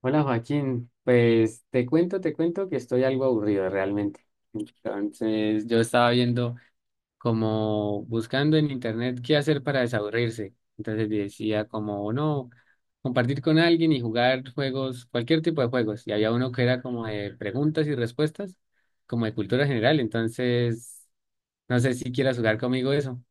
Hola Joaquín, pues te cuento que estoy algo aburrido realmente. Entonces yo estaba viendo como buscando en internet qué hacer para desaburrirse. Entonces decía como no, compartir con alguien y jugar juegos, cualquier tipo de juegos. Y había uno que era como de preguntas y respuestas, como de cultura general. Entonces no sé si quieras jugar conmigo eso.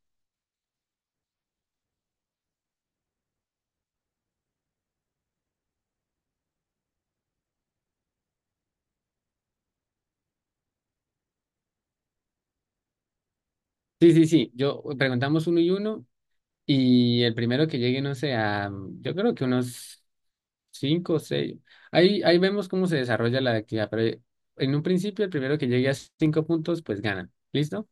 Sí, sí, sí, yo preguntamos uno y uno y el primero que llegue, no sé, a, yo creo que unos, cinco, seis. Ahí vemos cómo se desarrolla la actividad, pero en un principio, el primero que llegue a cinco puntos, pues gana. ¿Listo?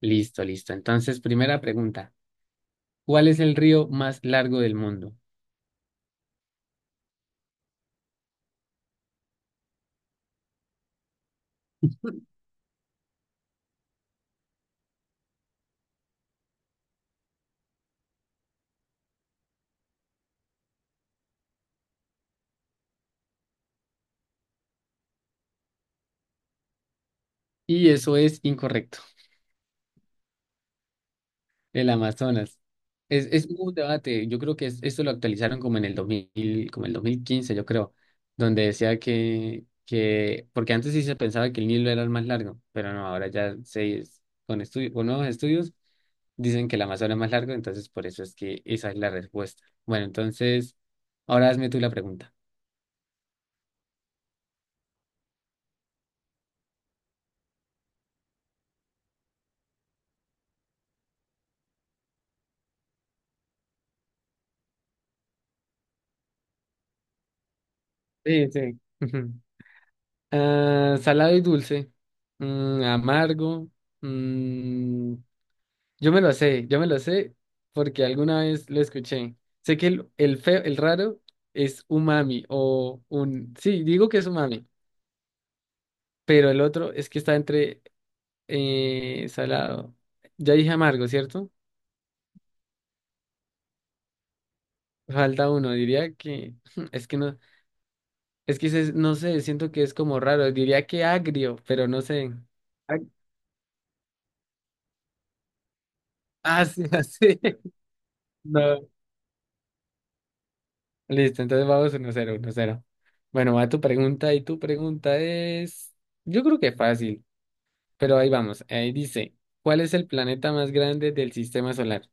Listo, listo. Entonces, primera pregunta. ¿Cuál es el río más largo del mundo? Y eso es incorrecto. El Amazonas. Es un debate. Yo creo que esto lo actualizaron como el 2015 yo creo, donde decía que, porque antes sí se pensaba que el Nilo era el más largo, pero no, ahora ya se, con nuevos estudios dicen que el Amazonas es más largo, entonces por eso es que esa es la respuesta. Bueno, entonces, ahora hazme tú la pregunta. Sí, sí. Ujú. Ah, salado y dulce, amargo. Yo me lo sé, yo me lo sé porque alguna vez lo escuché. Sé que el feo, el raro es umami Sí, digo que es umami, pero el otro es que está entre salado. Ya dije amargo, ¿cierto? Falta uno, diría que, es que no, es que no sé, siento que es como raro. Diría que agrio, pero no sé. Ag- Ah, sí, así. No, listo, entonces vamos 1-0 1-0. Bueno, va tu pregunta y tu pregunta es. Yo creo que fácil. Pero ahí vamos, ahí dice, ¿cuál es el planeta más grande del sistema solar?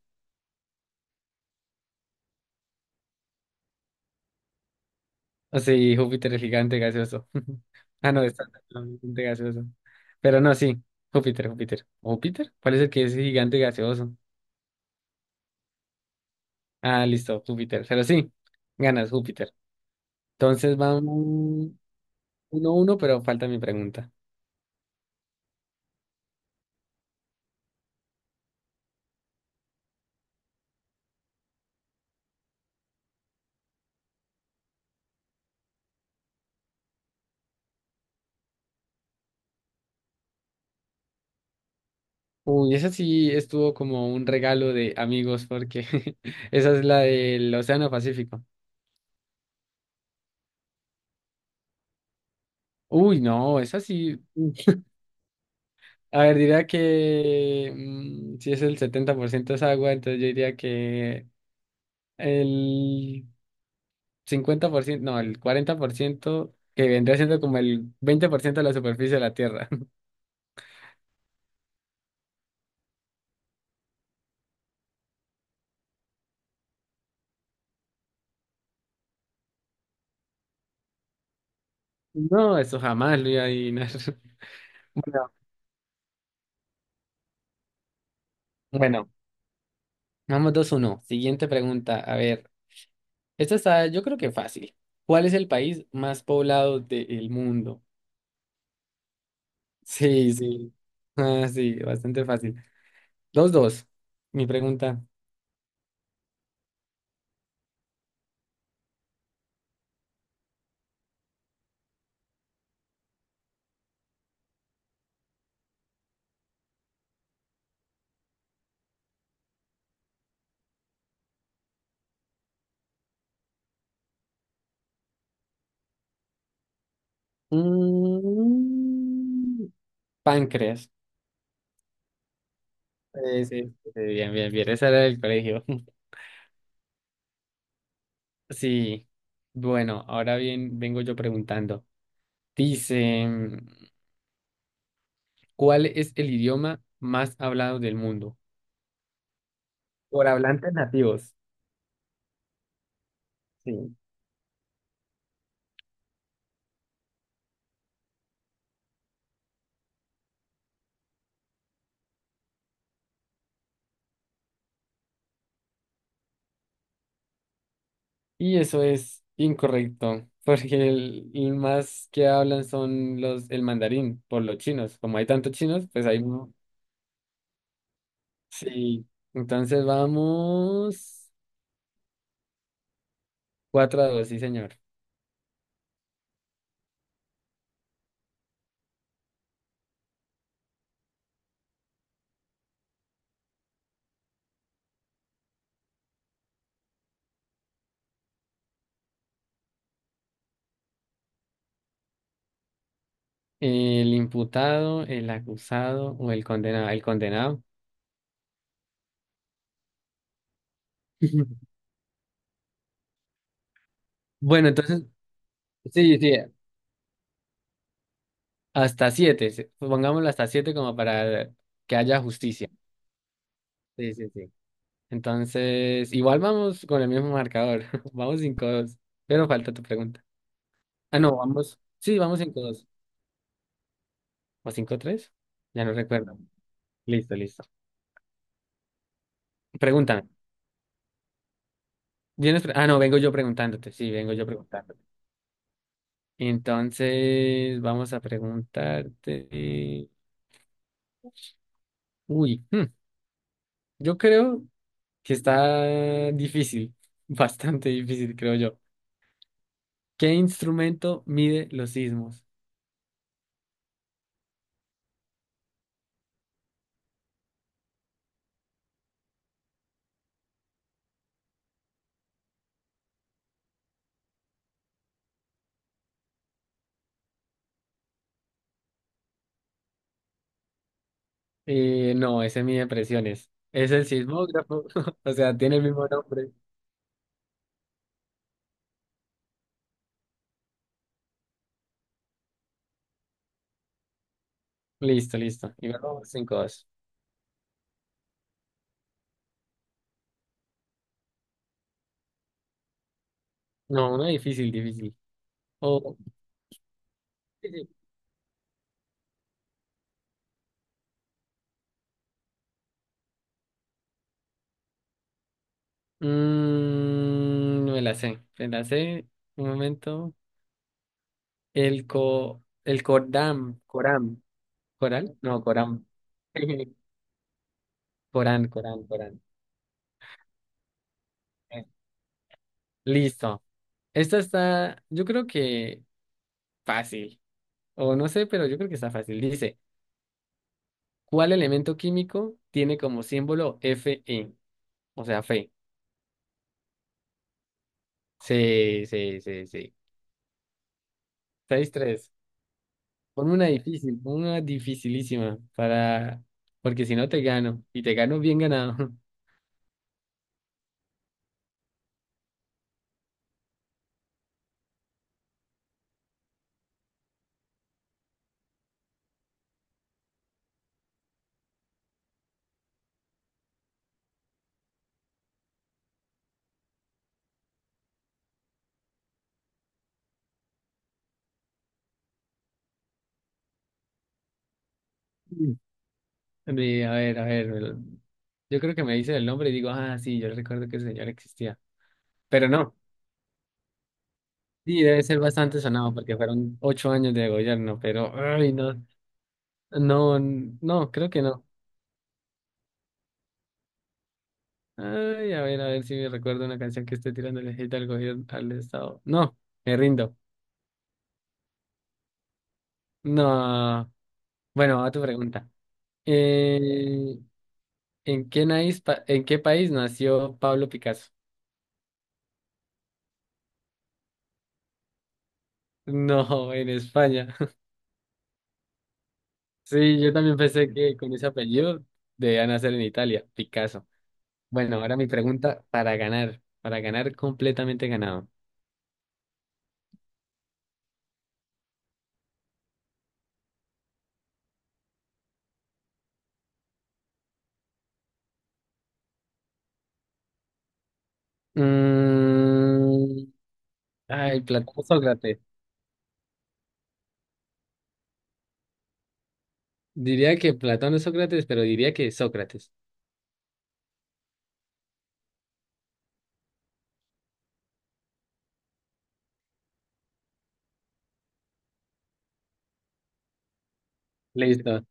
O sí, Júpiter es gigante gaseoso. Ah, no, es Saturno, gigante gaseoso. Pero no, sí, Júpiter, Júpiter. ¿Júpiter? ¿Cuál es el que es gigante gaseoso? Ah, listo, Júpiter. Pero sí, ganas, Júpiter. Entonces vamos 1-1, pero falta mi pregunta. Uy, esa sí estuvo como un regalo de amigos, porque esa es la del Océano Pacífico. Uy, no, esa sí. A ver, diría que si es el 70% es agua, entonces yo diría que el 50% no, el 40% que vendría siendo como el 20% de la superficie de la Tierra. No, eso jamás lo iba a adivinar. Bueno, bueno, vamos 2-1. Siguiente pregunta. A ver, esta está yo creo que fácil. ¿Cuál es el país más poblado del mundo? Sí, sí. Ah, sí, bastante fácil. 2-2. Mi pregunta. Mm, Páncreas. Sí, sí, sí, sí, bien, bien, bien. Esa era del colegio. Sí. Bueno, ahora bien, vengo yo preguntando. Dice, ¿cuál es el idioma más hablado del mundo? Por hablantes nativos. Sí. Y eso es incorrecto, porque el más que hablan son los, el mandarín, por los chinos. Como hay tantos chinos, pues hay. Sí. Entonces vamos, 4-2, sí, señor. El imputado, el acusado o el condenado. El condenado. Bueno, entonces, sí, sí, hasta siete. Sí, pongámoslo hasta siete como para que haya justicia. Sí, sí, sí. Entonces, igual vamos con el mismo marcador. Vamos 5-2. Pero falta tu pregunta. Ah, no, vamos. Sí, vamos 5-2 o 5-3. Ya no recuerdo. Listo, listo. Pregúntame. ¿Vienes pre- ah, no, Vengo yo preguntándote. Sí, vengo yo preguntándote. Entonces, vamos a preguntarte. Uy, yo creo que está difícil, bastante difícil, creo yo. ¿Qué instrumento mide los sismos? No, ese mide presiones. Es el sismógrafo, o sea, tiene el mismo nombre. Listo, listo. Y vamos 5-2. No, una difícil, difícil. O, sí, sí. Me la sé, me la sé. Un momento. El cordam, coram, coral, no, coram. Corán, Corán, Corán. Eh, Listo. Esta está, yo creo que fácil, o no sé, pero yo creo que está fácil. Dice, ¿cuál elemento químico tiene como símbolo Fe? O sea, fe. Sí, sí, sí, sí. 6-3. Ponme una difícil, ponme una dificilísima para, porque si no te gano, y te gano bien ganado. Mm. A ver, a ver, yo creo que me dice el nombre y digo, ah, sí, yo recuerdo que el señor existía. Pero no, sí, debe ser bastante sonado porque fueron 8 años de gobierno, pero, ay, no. No, no, creo que no. Ay, a ver si me recuerdo una canción que esté tirándole hate al gobierno, al Estado. No, me rindo. No. Bueno, a tu pregunta. Eh, ¿En qué país nació Pablo Picasso? No, en España. Sí, yo también pensé que con ese apellido debía nacer en Italia, Picasso. Bueno, ahora mi pregunta para ganar completamente ganado. Mm, Ay, Platón Sócrates. Diría que Platón es Sócrates, pero diría que Sócrates. Listo,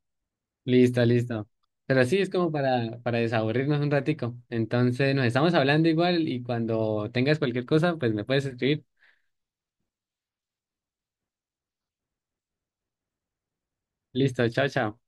listo, listo. Pero sí, es como para desaburrirnos un ratico. Entonces, nos estamos hablando igual y cuando tengas cualquier cosa, pues me puedes escribir. Listo, chao, chao.